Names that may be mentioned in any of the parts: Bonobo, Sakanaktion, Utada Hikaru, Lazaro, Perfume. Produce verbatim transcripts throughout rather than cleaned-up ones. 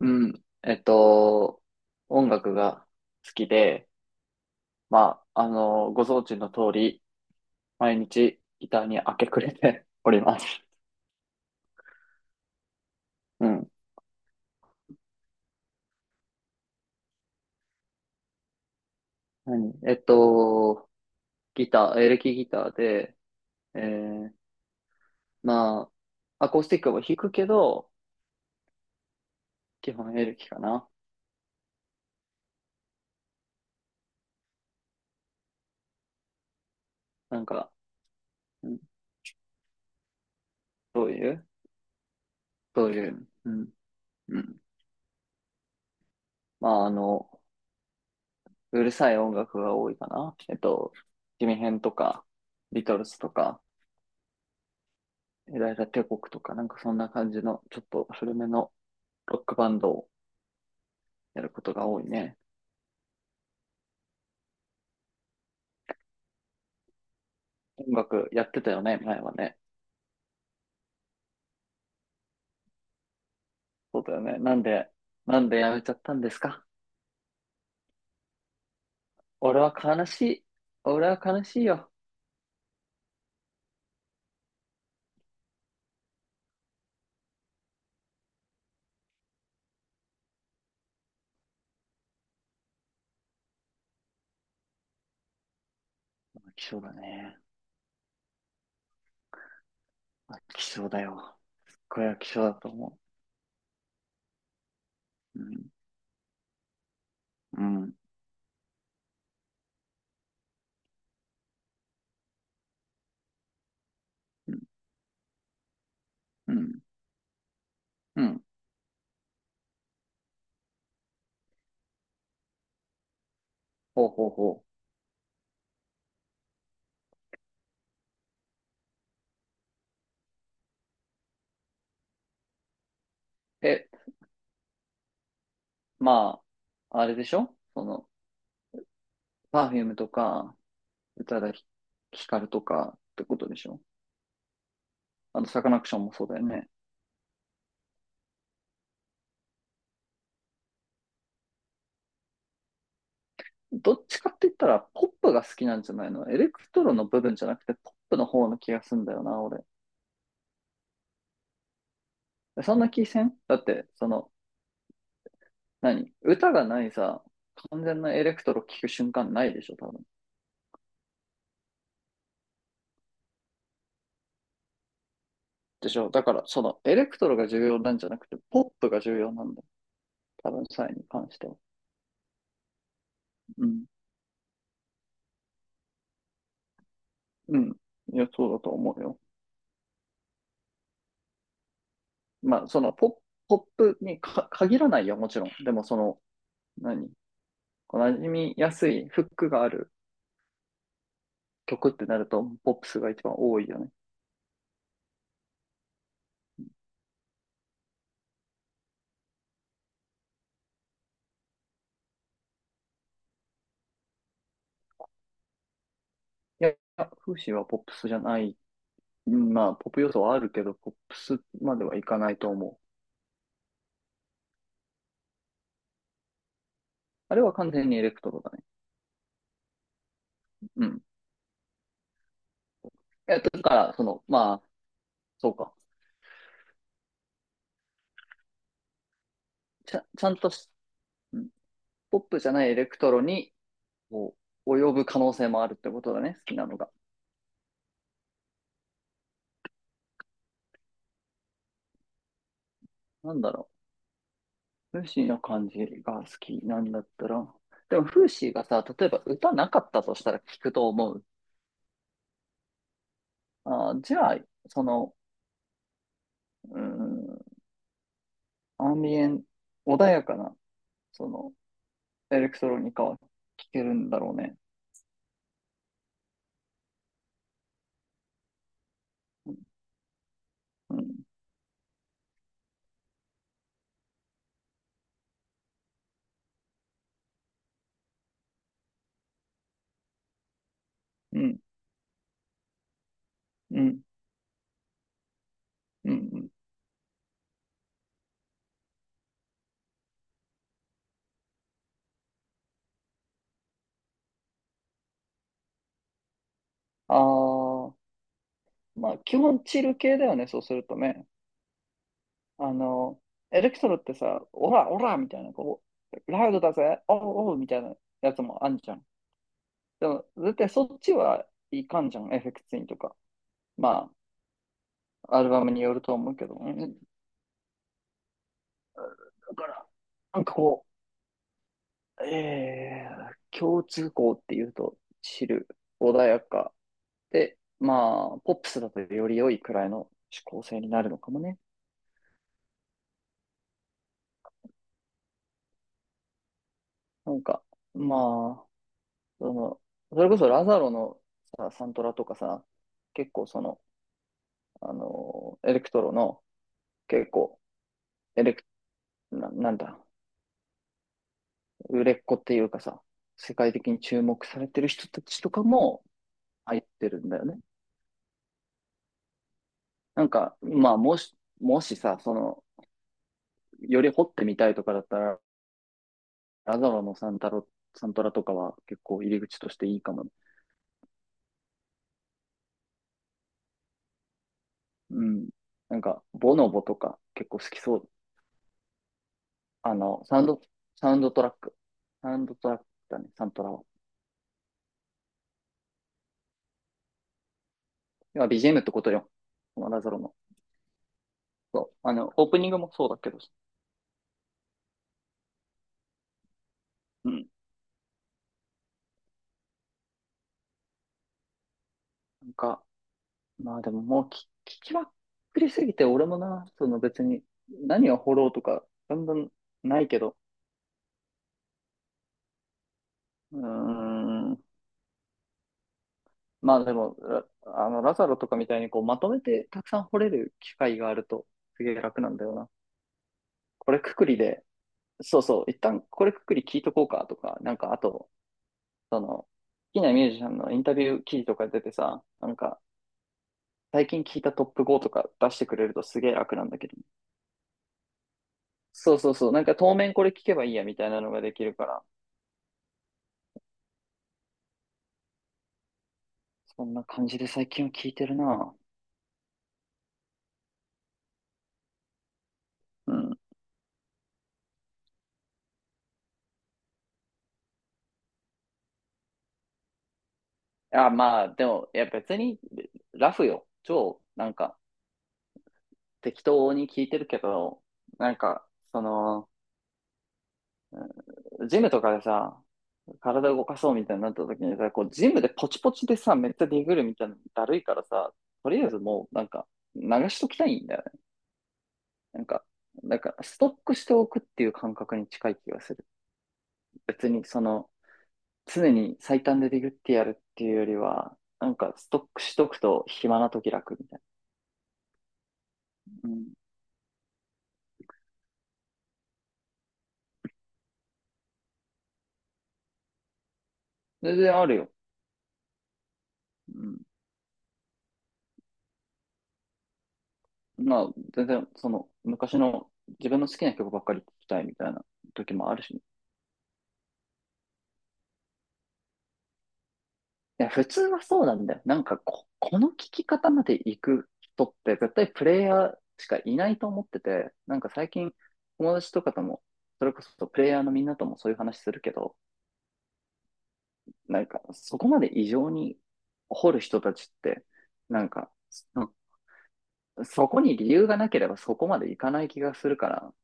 うん。えっと、音楽が好きで、まあ、あの、ご存知の通り、毎日ギターに明け暮れて おります。うん。何えっと、ギター、エレキギターで、えー、まあ、アコースティックも弾くけど、基本エレキかな。なんか、うん、どういうどういう、うん、うん。まあ、あの、うるさい音楽が多いかな。えっと、ジミヘンとか、ビートルズとか、ユダヤ帝国とかなんかそんな感じのちょっと古めのロックバンドをやることが多いね。音楽やってたよね、前はね。そうだよね。なんで、なんでやめちゃったんですか？俺は悲しい。俺は悲しいよ。飽き性だね。飽き性だよ。これは飽き性だと思う。うん。うん。うん。うん。うん。ほうほうほう。え、まあ、あれでしょ？その、パフュームとか、宇多田ヒカルとかってことでしょ？あの、サカナクションもそうだよね。どっちかって言ったら、ポップが好きなんじゃないの？エレクトロの部分じゃなくて、ポップの方の気がすんだよな、俺。そんな気せんだって、その、何歌がないさ、完全なエレクトロ聴く瞬間ないでしょ、多分。でしょ？だから、その、エレクトロが重要なんじゃなくて、ポップが重要なんだよ。多分、サイに関しては。うん。うん。いや、そうだと思うよ。まあ、その、ポップ、ポップにか限らないよ、もちろん。でも、その、何馴染みやすいフックがある曲ってなると、ポップスが一番多いよね。いや、フーシーはポップスじゃない。うん、まあ、ポップ要素はあるけど、ポップスまではいかないと思う。あれは完全にエレクトロだね。うん。いや、だから、その、まあ、そうか。ちゃ、ちゃんとし、うん、ポップじゃないエレクトロに、こう、及ぶ可能性もあるってことだね、好きなのが。なんだろう。フーシーの感じが好きなんだったら。でも、フーシーがさ、例えば歌なかったとしたら聞くと思う。あー、じゃあ、その、うん、アンビエン、穏やかな、その、エレクトロニカは聴けるんだろうね。うん、うん、うん、うん、うん。ああ、まあ、基本チル系だよね、そうするとね。あの、エレクトロってさ、オラ、オラみたいな、こう、ラウドだぜ、おうおうみたいなやつもあんじゃん。でも、絶対そっちはいかんじゃん、エフェクツインとか。まあ、アルバムによると思うけど。うん、だから、なんかこう、えー、共通項っていうと、チル、穏やか、で、まあ、ポップスだとより良いくらいの指向性になるのかもね。なんか、まあ、その、それこそラザロのさ、サントラとかさ、結構その、あの、エレクトロの、結構、エレク、な、なんだ、売れっ子っていうかさ、世界的に注目されてる人たちとかも入ってるんだよね。なんか、まあ、もし、もしさ、その、より掘ってみたいとかだったら、ラザロのサンタロ、サントラとかは結構入り口としていいかもね。うん。なんか、ボノボとか結構好きそう。あの、サウンド、サウンドトラック。サウンドトラックだね、サントラは。要は ビージーエムってことよ。このラゾロの。そう。あの、オープニングもそうだけど。うん。なんか、まあ、でも、もうき聞きまくりすぎて、俺もな、その別に何を掘ろうとか、だんだんないけど。うーん。まあ、でも、ああの、ラザロとかみたいにこうまとめてたくさん掘れる機会があると、すげえ楽なんだよな。これくくりで、そうそう、一旦これくくり聞いとこうかとか、なんかあと、その、好きなミュージシャンのインタビュー記事とか出てさ、なんか、最近聞いたトップファイブとか出してくれるとすげえ楽なんだけど。そうそうそう、なんか当面これ聞けばいいやみたいなのができるから、そんな感じで最近は聞いてるな。うん。あ、まあ、でも、いや別に、ラフよ。超、なんか、適当に聞いてるけど、なんか、その、ジムとかでさ、体動かそうみたいになった時にさ、こう、ジムでポチポチでさ、めっちゃディグるみたいなのだるいからさ、とりあえずもう、なんか、流しときたいんだよね。なんか、なんか、ストックしておくっていう感覚に近い気がする。別に、その、常に最短でディグってやるっていうよりは、なんか、ストックしとくと暇な時楽みたいな。うん。全然あるよ。うん。まあ、全然、その、昔の自分の好きな曲ばっかり聴きたいみたいな時もあるしね。いや、普通はそうなんだよ。なんかこ、この聞き方まで行く人って絶対プレイヤーしかいないと思ってて、なんか最近友達とかとも、それこそプレイヤーのみんなともそういう話するけど、なんかそこまで異常に掘る人たちって、なんか、そそこに理由がなければそこまで行かない気がするから、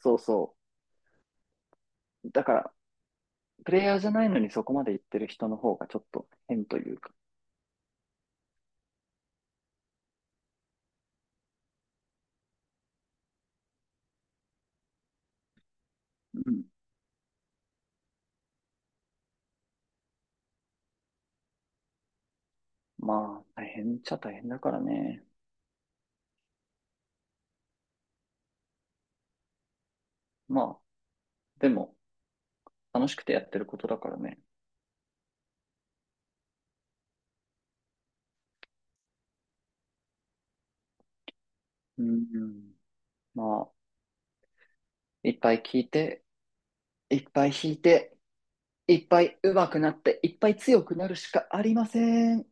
そうそう。だから、プレイヤーじゃないのにそこまで行ってる人の方がちょっと変というか、うん。まあ、大変っちゃ大変だからね。まあ、でも、楽しくてやってることだからね。うん。まあ、いっぱい聞いて、いっぱい弾いて、いっぱい上手くなって、いっぱい強くなるしかありません。